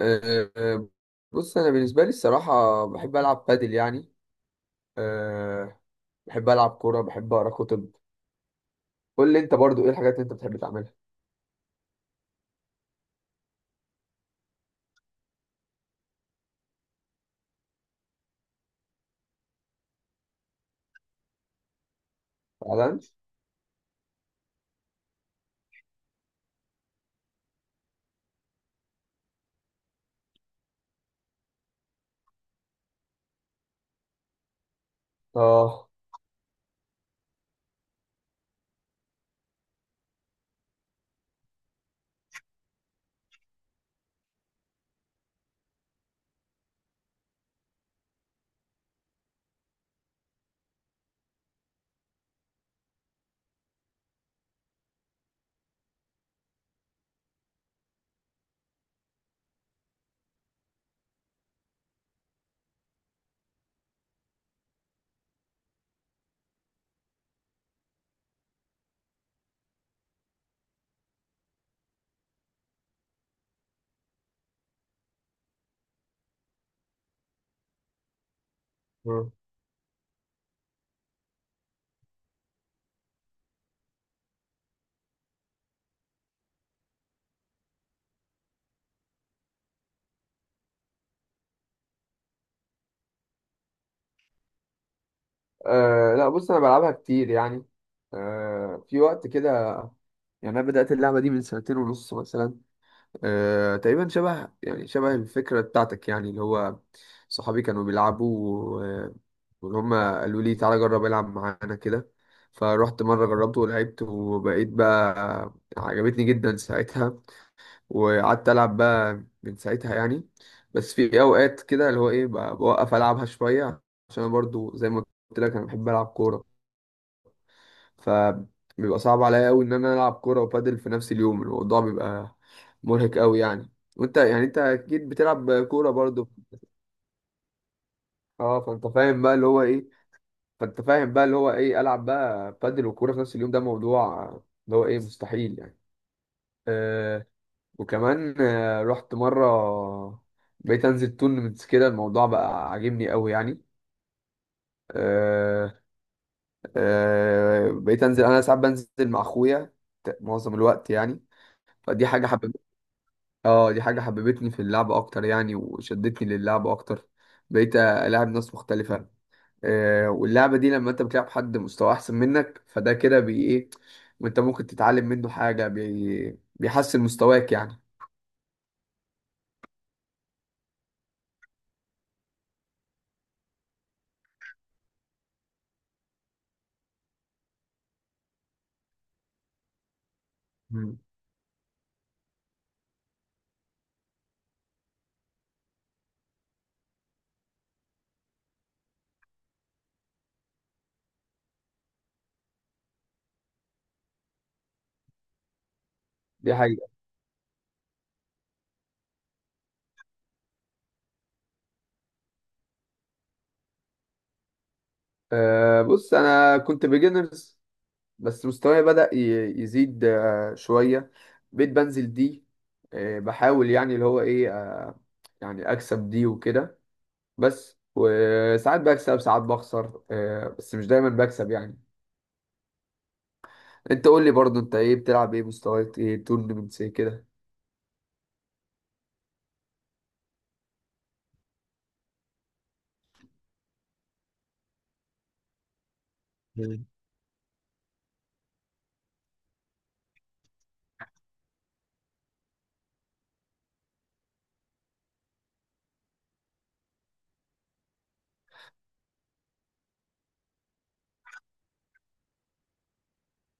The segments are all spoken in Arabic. أه، أه، بص انا بالنسبه لي الصراحه بحب العب بادل يعني. أه، بحب العب كوره، بحب اقرا كتب. قول لي انت برضو ايه الحاجات اللي انت بتحب تعملها. فعلا. اه. مم. لا بص انا بلعبها كتير يعني، في وقت كده. يعني انا بدات اللعبه دي من سنتين ونص مثلا. تقريبا شبه يعني شبه الفكرة بتاعتك، يعني اللي هو صحابي كانوا بيلعبوا وإن هما قالوا لي تعالى جرب العب معانا كده. فروحت مرة جربت ولعبت وبقيت بقى عجبتني جدا ساعتها، وقعدت ألعب بقى من ساعتها يعني. بس في أوقات كده اللي هو إيه بوقف ألعبها شوية، عشان أنا برضو زي ما قلت لك أنا بحب ألعب كورة، فبيبقى صعب عليا قوي ان انا العب كوره وبادل في نفس اليوم، الموضوع بيبقى مرهق قوي يعني. وانت يعني انت اكيد بتلعب كوره برضو. اه فانت فاهم بقى اللي هو ايه، فانت فاهم بقى اللي هو ايه العب بقى بادل وكوره في نفس اليوم، ده موضوع اللي هو ايه مستحيل يعني. آه وكمان آه رحت مره، بقيت انزل تورنمنتس كده، الموضوع بقى عاجبني قوي يعني. آه آه بقيت انزل، انا ساعات بنزل مع اخويا، معظم الوقت يعني. فدي حاجه حببتني، اه دي حاجة حببتني في اللعبة أكتر يعني وشدتني للعبة أكتر. بقيت ألعب ناس مختلفة آه، واللعبة دي لما أنت بتلعب حد مستوى أحسن منك فده كده بي إيه، وأنت ممكن تتعلم منه حاجة بي بيحسن مستواك يعني. مم. دي حقيقة. آه بص أنا كنت بيجنرز، بس مستواي بدأ يزيد آه شوية، بقيت بنزل دي آه، بحاول يعني اللي هو إيه آه يعني أكسب دي وكده، بس وساعات بكسب ساعات بخسر، آه، بس مش دايما بكسب يعني. انت قول لي برضو انت ايه، بتلعب ايه، مستويات ايه، تورنمنتس ايه كده.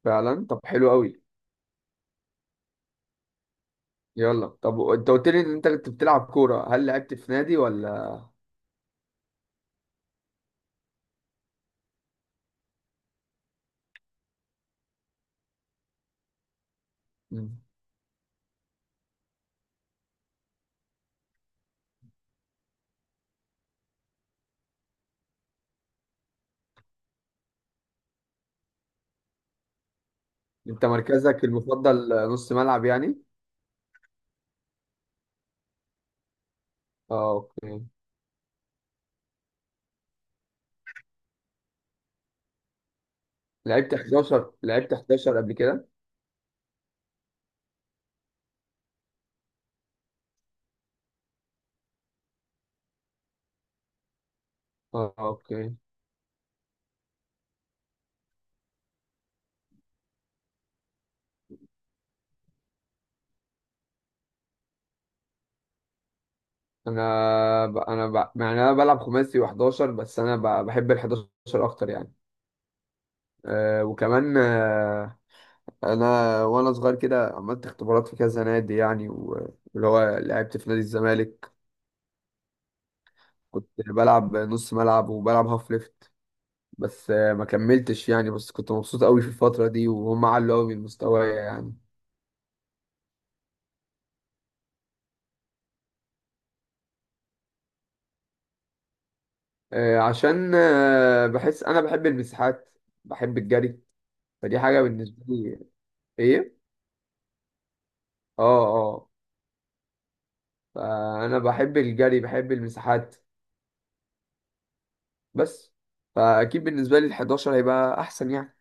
فعلا طب حلو قوي. يلا طب انت قلت لي ان انت كنت بتلعب كورة، هل لعبت في نادي ولا. مم. انت مركزك المفضل نص ملعب يعني. اه اوكي. لعبت 11، لعبت 11 قبل كده. اه اوكي. انا يعني انا بلعب خماسي و11، بس انا بحب ال 11 اكتر يعني. آه وكمان آه، انا وانا صغير كده عملت اختبارات في كذا نادي يعني، واللي هو لعبت في نادي الزمالك، كنت بلعب نص ملعب وبلعب هاف ليفت، بس آه، ما كملتش يعني، بس كنت مبسوط قوي في الفترة دي وهم علوا قوي من مستواي يعني. آه، عشان آه، بحس انا بحب المساحات، بحب الجري، فدي حاجة بالنسبة لي. ايه. اه اه. فانا بحب الجري بحب المساحات بس. فاكيد بالنسبة لي ال11 هيبقى احسن يعني.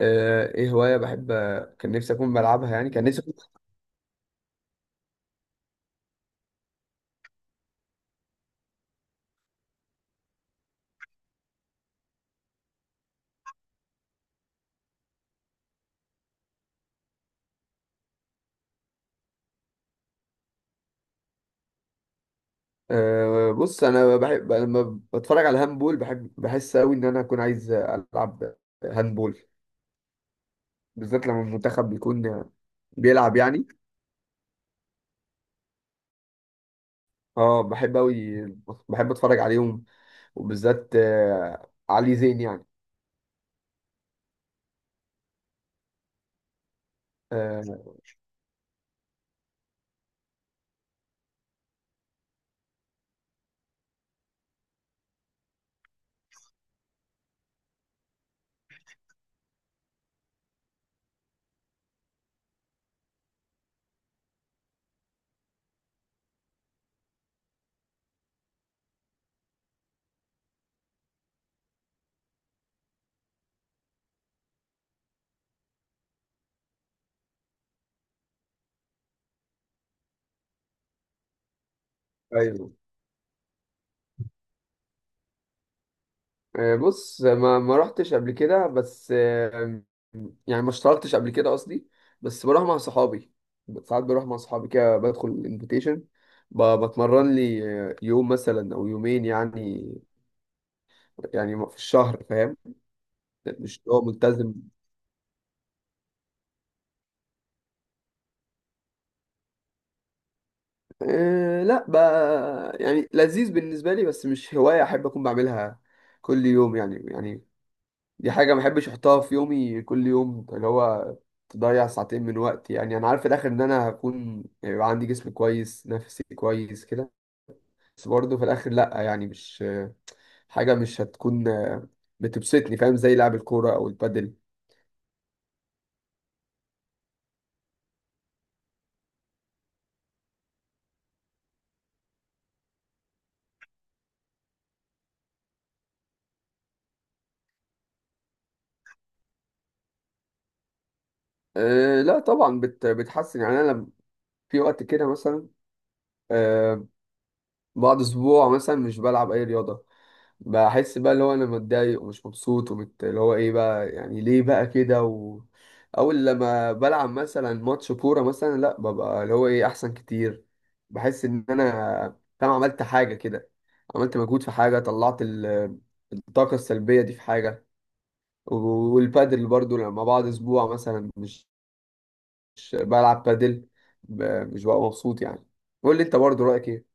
آه، ايه هواية بحب، كان نفسي اكون بلعبها يعني، كان نفسي أكون. أه بص انا بحب لما بتفرج على هاندبول، بحب بحس قوي ان انا اكون عايز العب هاندبول، بالذات لما المنتخب بيكون بيلعب يعني. اه بحب قوي، بحب اتفرج عليهم، وبالذات آه، علي زين يعني. آه، ايوه. آه، بص ما رحتش قبل كده، بس آه، يعني ما اشتركتش قبل كده قصدي، بس بروح مع صحابي، ساعات بروح مع صحابي كده بدخل الانفيتيشن، بتمرن لي آه، يوم مثلا او يومين يعني، يعني في الشهر فاهم. مش هو ملتزم. أه لا يعني لذيذ بالنسبة لي، بس مش هواية احب اكون بعملها كل يوم يعني. يعني دي حاجة ما بحبش احطها في يومي كل يوم، اللي هو تضيع ساعتين من وقتي يعني. انا عارف في الاخر ان انا هكون يعني يبقى عندي جسم كويس نفسي كويس كده، بس برضه في الاخر لا يعني مش حاجة مش هتكون بتبسطني، فاهم، زي لعب الكورة او البادل. أه لا طبعا بتحسن يعني، انا لم- في وقت كده مثلا أه، بعد اسبوع مثلا مش بلعب اي رياضة، بحس بقى اللي هو انا متضايق ومش مبسوط اللي هو ايه بقى يعني ليه بقى كده و... اول لما بلعب مثلا ماتش كوره مثلا، لا ببقى اللي هو ايه احسن كتير، بحس ان انا فاهم عملت حاجه كده، عملت مجهود في حاجه، طلعت الطاقه السلبيه دي في حاجه. والبادل برضو لما بعد اسبوع مثلا مش بلعب بادل، ب... مش ببقى مبسوط يعني. قول لي انت برضو رايك ايه.